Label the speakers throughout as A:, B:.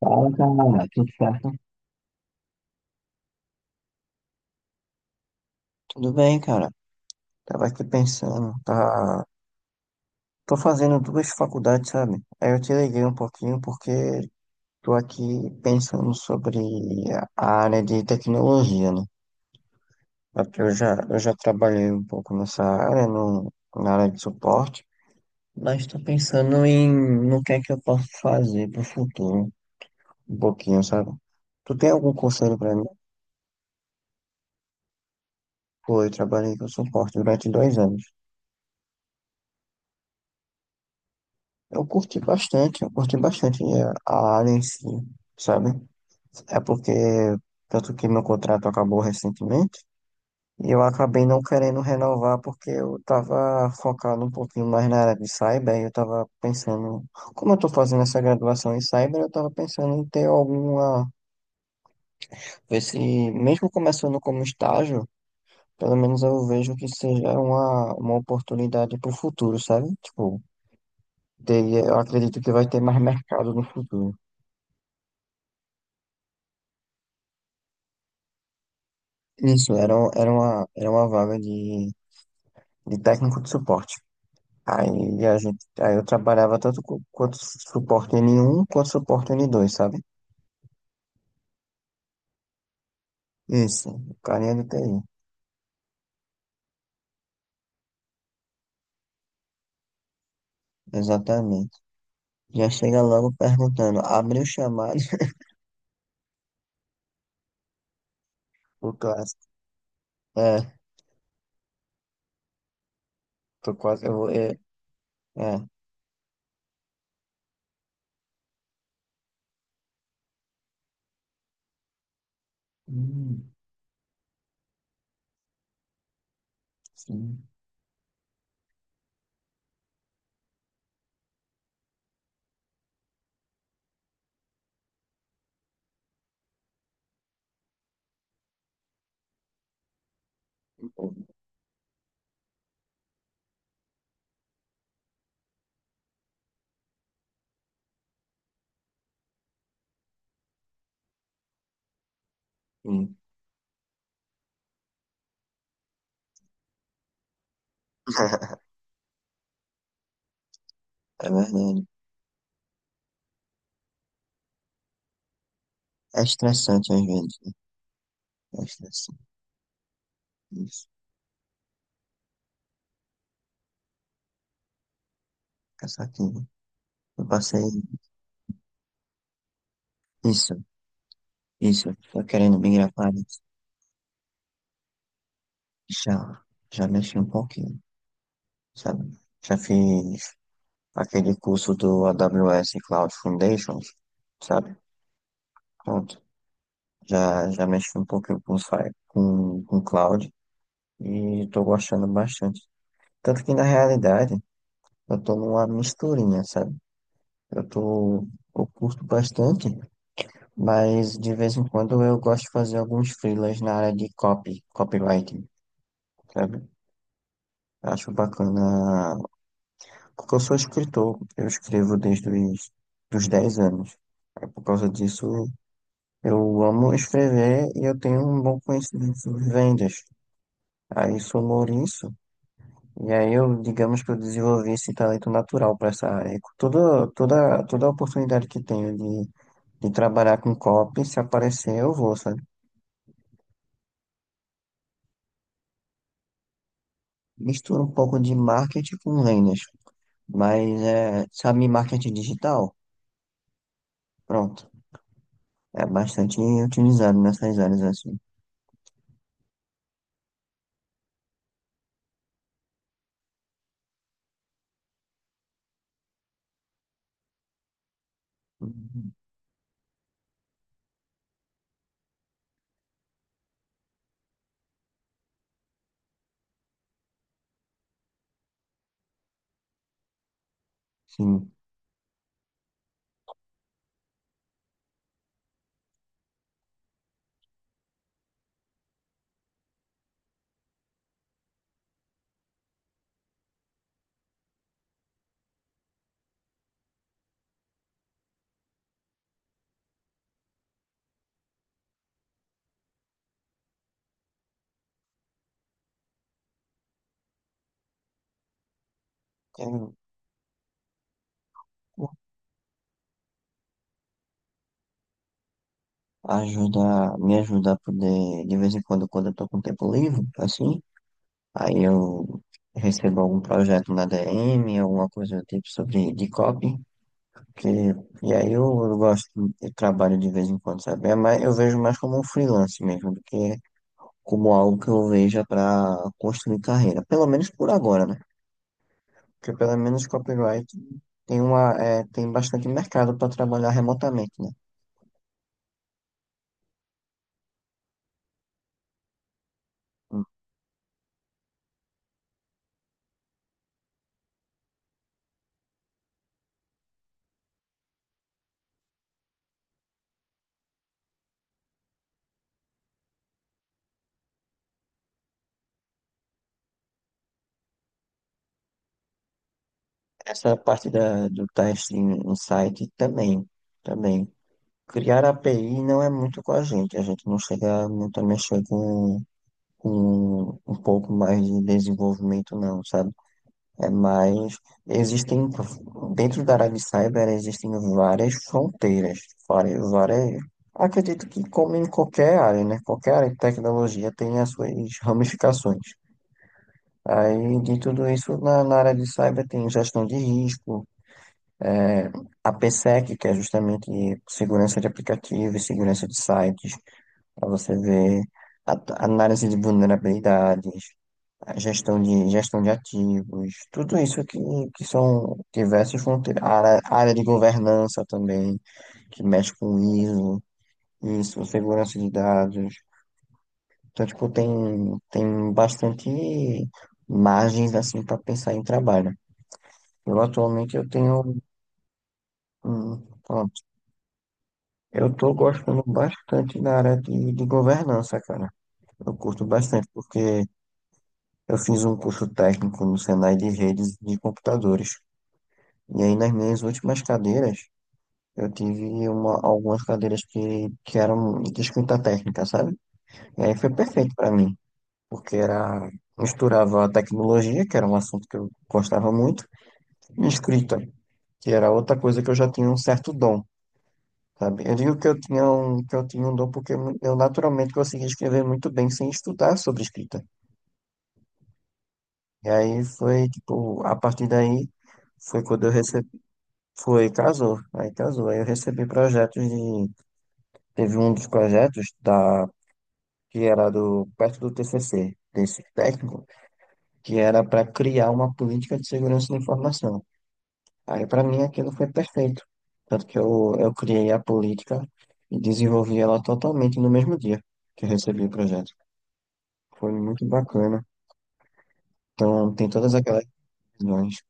A: Fala, cara, tudo certo? Tudo bem, cara. Tava aqui pensando, tá... Tô fazendo duas faculdades, sabe? Aí eu te liguei um pouquinho porque tô aqui pensando sobre a área de tecnologia, né? Porque eu já trabalhei um pouco nessa área, no, na área de suporte, mas tô pensando em no que é que eu posso fazer pro futuro, um pouquinho, sabe? Tu tem algum conselho pra mim? Pô, eu trabalhei com suporte durante 2 anos. Eu curti bastante a área em si, sabe? É porque, tanto que meu contrato acabou recentemente, e eu acabei não querendo renovar porque eu tava focado um pouquinho mais na área de cyber, e eu tava pensando, como eu tô fazendo essa graduação em cyber, eu tava pensando em ter alguma, ver se, mesmo começando como estágio, pelo menos eu vejo que seja uma oportunidade pro futuro, sabe? Tipo, eu acredito que vai ter mais mercado no futuro. Isso, era uma vaga de técnico de suporte. Aí, a gente, aí eu trabalhava tanto quanto suporte N1 quanto suporte N2, sabe? Isso, o carinha do TI, exatamente. Já chega logo perguntando, abriu o chamado, o clássico. É, tô quase, eu vou, é, é. Hum, sim, sim. É verdade. É estressante às vezes, né? É estressante, isso, cansativo. Eu passei, isso, isso, tô querendo migrar para área. Já, já mexi um pouquinho, sabe? Já fiz aquele curso do AWS Cloud Foundations, sabe? Pronto, já, já mexi um pouquinho com, com cloud e tô gostando bastante. Tanto que na realidade eu tô numa misturinha, sabe? Eu tô, eu curto bastante, mas de vez em quando eu gosto de fazer alguns freelas na área de copy, copywriting, sabe? Acho bacana. Porque eu sou escritor, eu escrevo desde os dos 10 anos. É por causa disso, eu amo escrever e eu tenho um bom conhecimento sobre vendas. Aí somou isso, e aí eu, digamos que eu desenvolvi esse talento natural para essa área. E toda oportunidade que tenho de trabalhar com copy, se aparecer, eu vou, sabe? Misturo um pouco de marketing com vendas, mas, é, sabe, marketing digital? Pronto, é bastante utilizado nessas áreas assim. Uhum. Sim, quero ajudar, me ajudar a poder, de vez em quando, quando eu tô com tempo livre, assim, aí eu recebo algum projeto na DM, alguma coisa do tipo sobre de copy, que, e aí eu gosto, eu trabalho de vez em quando, sabe? É mais, eu vejo mais como um freelance mesmo, do que como algo que eu veja para construir carreira, pelo menos por agora, né? Porque pelo menos copyright tem uma, é, tem bastante mercado para trabalhar remotamente, né? Essa parte da, do teste em site também, também. Criar API não é muito com a gente não chega muito a mexer com um pouco mais de desenvolvimento não, sabe? É mais, existem, dentro da área de cyber existem várias fronteiras, várias, várias, acredito que como em qualquer área, né? Qualquer área de tecnologia tem as suas ramificações. Aí, de tudo isso, na área de cyber tem gestão de risco, é, a PSEC, que é justamente segurança de aplicativos, segurança de sites, para você ver a- a análise de vulnerabilidades, a gestão de ativos, tudo isso que são diversas fronteiras. A área de governança também, que mexe com ISO, isso, segurança de dados. Então, tipo, tem, tem bastante margens assim para pensar em trabalho. Eu atualmente eu tenho, hum, eu tô gostando bastante da área de governança, cara. Eu curto bastante porque eu fiz um curso técnico no Senai de redes de computadores. E aí nas minhas últimas cadeiras, eu tive uma, algumas cadeiras que eram de escrita técnica, sabe? E aí foi perfeito para mim, porque era misturava a tecnologia, que era um assunto que eu gostava muito, e escrita, que era outra coisa que eu já tinha um certo dom. Sabe? Eu digo que eu tinha um, que eu tinha um dom porque eu naturalmente conseguia escrever muito bem sem estudar sobre escrita. E aí foi, tipo, a partir daí foi quando eu recebi, foi, casou. Aí eu recebi projetos de, teve um dos projetos da, que era do, perto do TCC, desse técnico, que era para criar uma política de segurança da informação. Aí para mim aquilo foi perfeito. Tanto que eu criei a política e desenvolvi ela totalmente no mesmo dia que eu recebi o projeto. Foi muito bacana. Então, tem todas aquelas visões.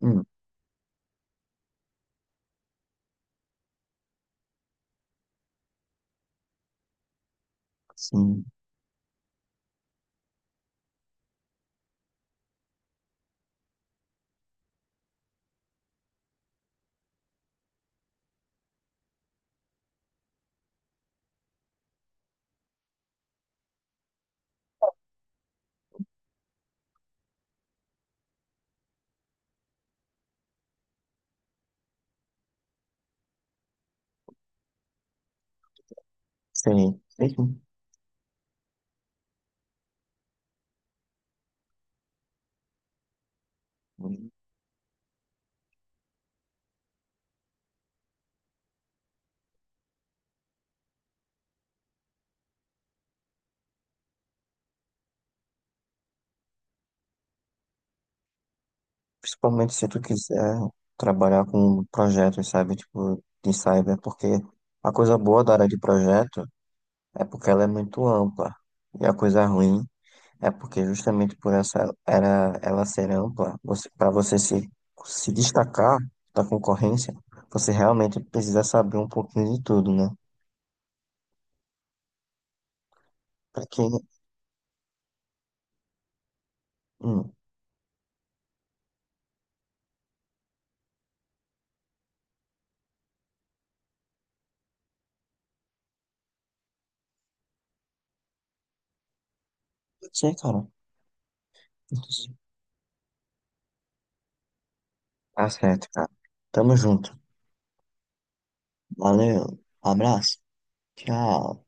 A: Hum, sim, sei. Sei sim. Principalmente se tu quiser trabalhar com projetos, sabe? Tipo, de cyber, porque a coisa boa da área de projeto é porque ela é muito ampla. E a coisa ruim é porque justamente por essa era ela ser ampla, você, para você se, se destacar da concorrência, você realmente precisa saber um pouquinho de tudo, né? Pra que. Hum, não sei, cara. Tá certo, cara. Tamo junto. Valeu. Abraço. Tchau.